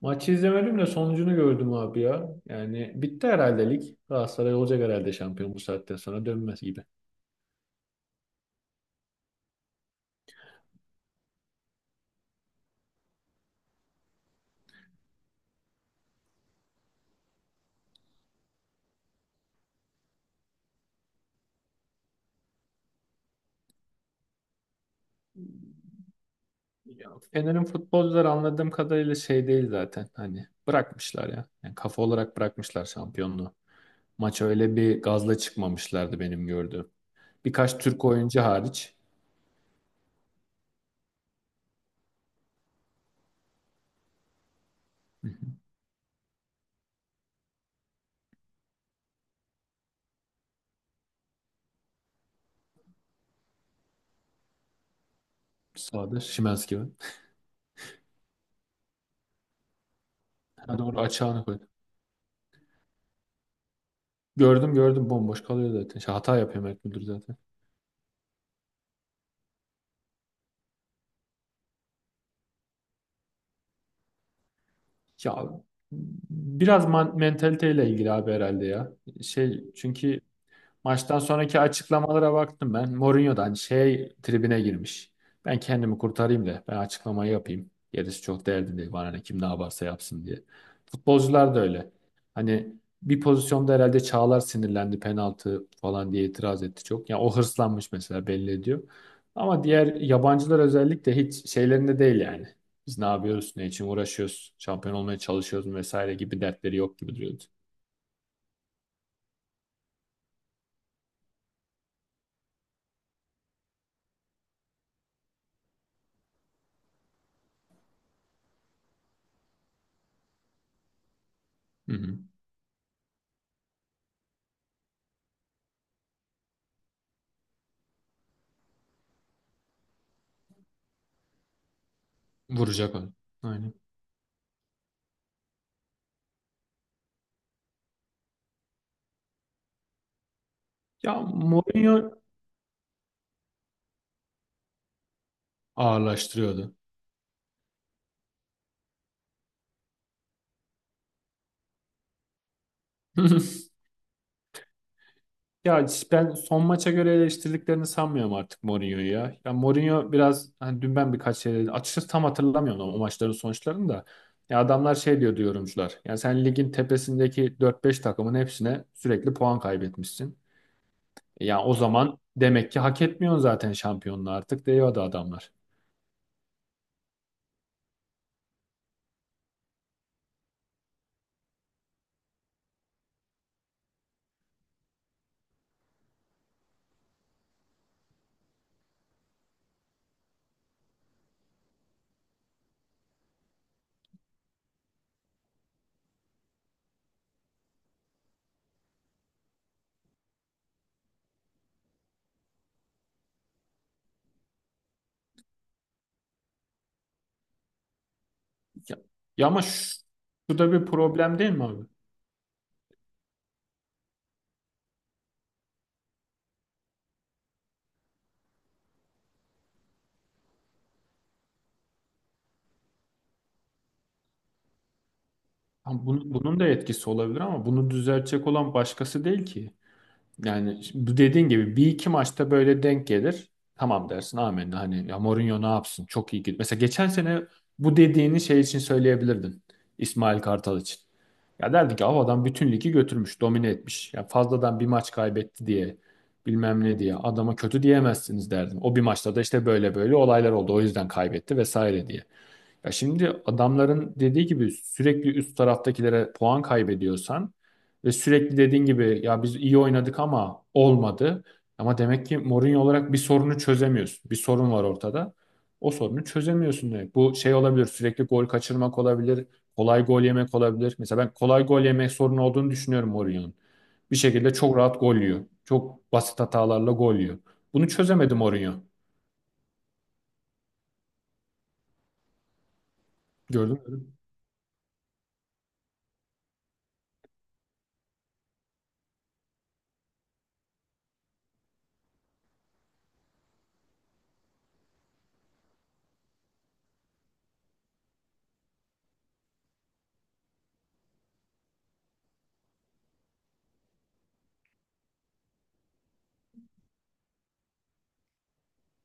Maçı izlemedim de sonucunu gördüm abi ya. Yani bitti herhalde lig. Galatasaray olacak herhalde şampiyon bu saatten sonra dönmez gibi. Ya, Fener'in futbolcuları anladığım kadarıyla şey değil zaten. Hani bırakmışlar ya. Yani kafa olarak bırakmışlar şampiyonluğu. Maça öyle bir gazla çıkmamışlardı benim gördüğüm. Birkaç Türk oyuncu hariç. Hı, sağda Şimanski var. Ha doğru açığını koydu. Gördüm gördüm bomboş kalıyor zaten. Şey, hata yapıyor Mert Müldür zaten. Ya biraz mentaliteyle ilgili abi herhalde ya. Şey çünkü maçtan sonraki açıklamalara baktım ben. Mourinho'dan şey tribine girmiş. Ben kendimi kurtarayım da ben açıklamayı yapayım. Gerisi çok derdim değil, bana ne kim ne yaparsa yapsın diye. Futbolcular da öyle. Hani bir pozisyonda herhalde Çağlar sinirlendi penaltı falan diye itiraz etti çok. Yani o hırslanmış mesela, belli ediyor. Ama diğer yabancılar özellikle hiç şeylerinde değil yani. Biz ne yapıyoruz, ne için uğraşıyoruz, şampiyon olmaya çalışıyoruz vesaire gibi dertleri yok gibi duruyordu. Hı hı. Vuracak onu. Aynen. Ya Mourinho ağırlaştırıyordu. Ya ben son maça göre eleştirdiklerini sanmıyorum artık Mourinho'yu ya. Ya Mourinho biraz hani dün ben birkaç şey açıkçası tam hatırlamıyorum ama o maçların sonuçlarını da. Ya adamlar şey diyor yorumcular. Ya sen ligin tepesindeki dört beş takımın hepsine sürekli puan kaybetmişsin. Ya o zaman demek ki hak etmiyorsun zaten şampiyonluğu artık diyordu adamlar. Ya, ama şu da bir problem değil mi abi? Ha, bunun da etkisi olabilir ama bunu düzeltecek olan başkası değil ki. Yani şimdi bu dediğin gibi bir iki maçta böyle denk gelir. Tamam dersin, amenna, hani ya Mourinho ne yapsın, çok iyi gidiyor. Mesela geçen sene bu dediğini şey için söyleyebilirdin. İsmail Kartal için. Ya derdi ki "Av bütün ligi götürmüş, domine etmiş. Ya fazladan bir maç kaybetti diye bilmem ne diye adama kötü diyemezsiniz" derdim. O bir maçta da işte böyle böyle olaylar oldu. O yüzden kaybetti vesaire diye. Ya şimdi adamların dediği gibi sürekli üst taraftakilere puan kaybediyorsan ve sürekli dediğin gibi ya biz iyi oynadık ama olmadı. Ama demek ki Mourinho olarak bir sorunu çözemiyorsun. Bir sorun var ortada. O sorunu çözemiyorsun demek. Bu şey olabilir, sürekli gol kaçırmak olabilir, kolay gol yemek olabilir. Mesela ben kolay gol yemek sorunu olduğunu düşünüyorum Mourinho'nun. Bir şekilde çok rahat gol yiyor. Çok basit hatalarla gol yiyor. Bunu çözemedi Mourinho. Gördün mü?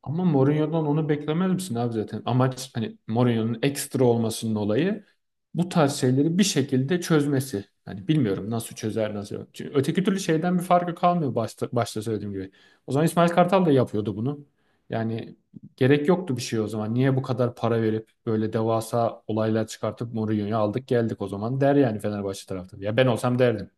Ama Mourinho'dan onu beklemez misin abi zaten? Amaç hani Mourinho'nun ekstra olmasının olayı bu tarz şeyleri bir şekilde çözmesi. Hani bilmiyorum, nasıl çözer nasıl yok. Çünkü öteki türlü şeyden bir farkı kalmıyor, başta söylediğim gibi. O zaman İsmail Kartal da yapıyordu bunu. Yani gerek yoktu bir şey o zaman. Niye bu kadar para verip böyle devasa olaylar çıkartıp Mourinho'yu aldık geldik o zaman der yani Fenerbahçe taraftarı. Ya ben olsam derdim.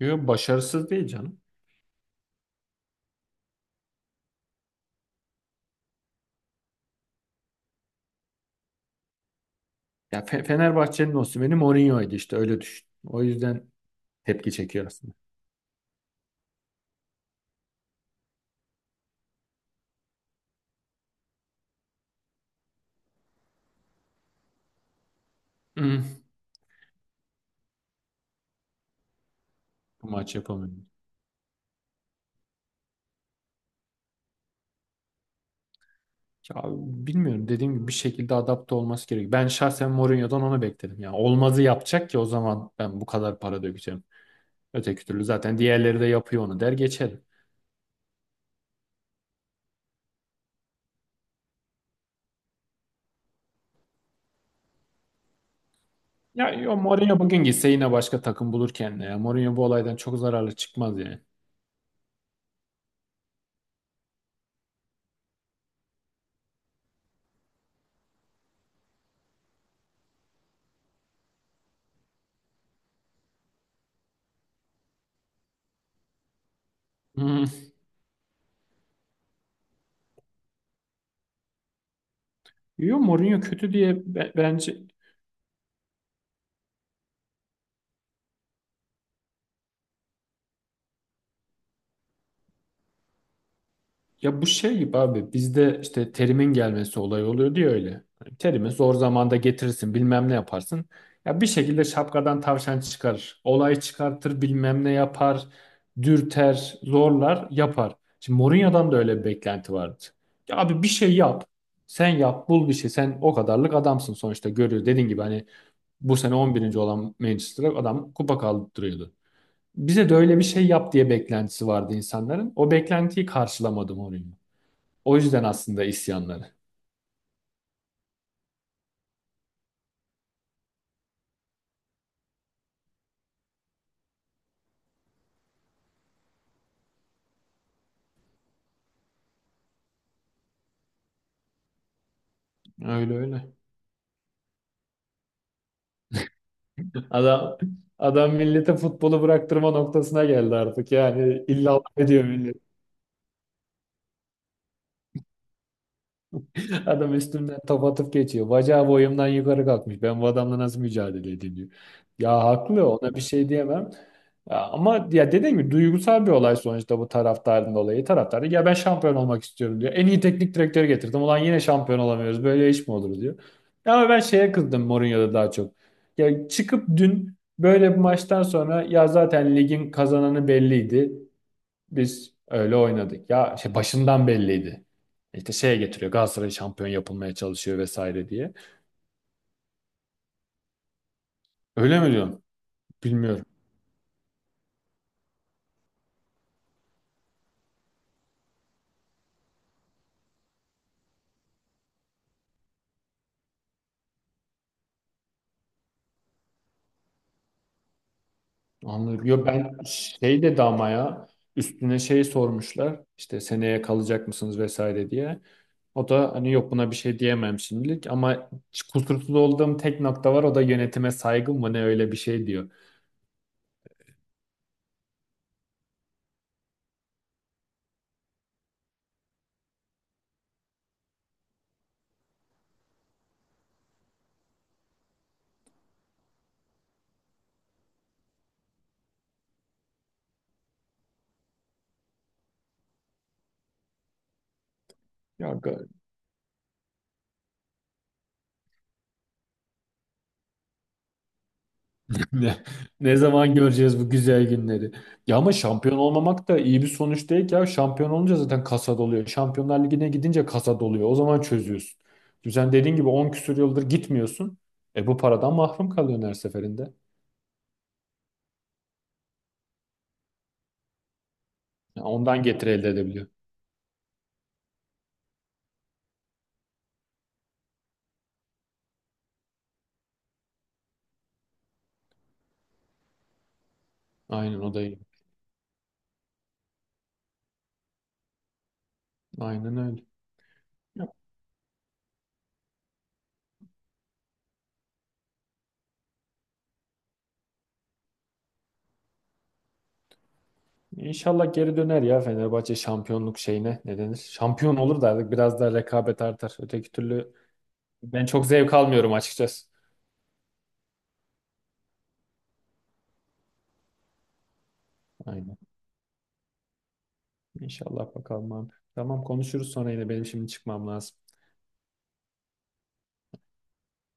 Yo, başarısız değil canım. Ya Fenerbahçe'nin Osimhen'i Mourinho'ydu işte, öyle düşün. O yüzden tepki çekiyor aslında. Hmm. Bu maç yapamıyor. Ya bilmiyorum, dediğim gibi bir şekilde adapte olması gerekiyor. Ben şahsen Mourinho'dan onu bekledim. Yani olmazı yapacak ki o zaman ben bu kadar para dökeceğim. Öteki türlü zaten diğerleri de yapıyor onu der geçerim. Ya yo, Mourinho bugün gitse yine başka takım bulur kendine. Ya. Mourinho bu olaydan çok zararlı çıkmaz yani. Hmm. Yo Mourinho kötü diye bence ya bu şey gibi abi, bizde işte Terim'in gelmesi olayı oluyor diye öyle. Hani Terim'i zor zamanda getirirsin bilmem ne yaparsın. Ya bir şekilde şapkadan tavşan çıkarır. Olay çıkartır bilmem ne yapar. Dürter, zorlar, yapar. Şimdi Mourinho'dan da öyle bir beklenti vardı. Ya abi bir şey yap. Sen yap, bul bir şey. Sen o kadarlık adamsın sonuçta, görüyor. Dediğin gibi hani bu sene 11. olan Manchester'a adam kupa kaldırıyordu. Bize de öyle bir şey yap diye beklentisi vardı insanların. O beklentiyi karşılamadı Mourinho. O yüzden aslında isyanları. Öyle öyle. Adam adam millete futbolu bıraktırma noktasına geldi artık. Yani illa ediyor millet. Adam üstümden top atıp geçiyor. Bacağı boyumdan yukarı kalkmış. Ben bu adamla nasıl mücadele edeyim diyor. Ya haklı, ona bir şey diyemem. Ya, ama ya dediğim gibi duygusal bir olay sonuçta bu, taraftarın dolayı. Taraftar da, ya ben şampiyon olmak istiyorum diyor. En iyi teknik direktörü getirdim. Ulan yine şampiyon olamıyoruz. Böyle iş mi olur diyor. Ya, ama ben şeye kızdım Mourinho'da daha çok. Ya çıkıp dün böyle bir maçtan sonra ya zaten ligin kazananı belliydi. Biz öyle oynadık. Ya şey başından belliydi. İşte şeye getiriyor. Galatasaray şampiyon yapılmaya çalışıyor vesaire diye. Öyle mi diyorsun? Bilmiyorum. Anladım. Yo ben şey dedi ama ya üstüne şey sormuşlar. İşte seneye kalacak mısınız vesaire diye. O da hani yok, buna bir şey diyemem şimdilik ama kusursuz olduğum tek nokta var. O da yönetime saygım mı ne, öyle bir şey diyor. Ya Ne, ne zaman göreceğiz bu güzel günleri? Ya ama şampiyon olmamak da iyi bir sonuç değil ki ya. Şampiyon olunca zaten kasa doluyor. Şampiyonlar Ligi'ne gidince kasa doluyor. O zaman çözüyorsun. Şimdi sen dediğin gibi 10 küsur yıldır gitmiyorsun. E bu paradan mahrum kalıyorsun her seferinde. Ya ondan getiri elde edebiliyor. Aynen o da iyi. Aynen öyle. Ya, İnşallah geri döner ya Fenerbahçe şampiyonluk şeyine, ne denir? Şampiyon olur da artık biraz daha rekabet artar. Öteki türlü ben çok zevk almıyorum açıkçası. Aynen. İnşallah bakalım abi. Tamam, konuşuruz sonra yine, benim şimdi çıkmam lazım.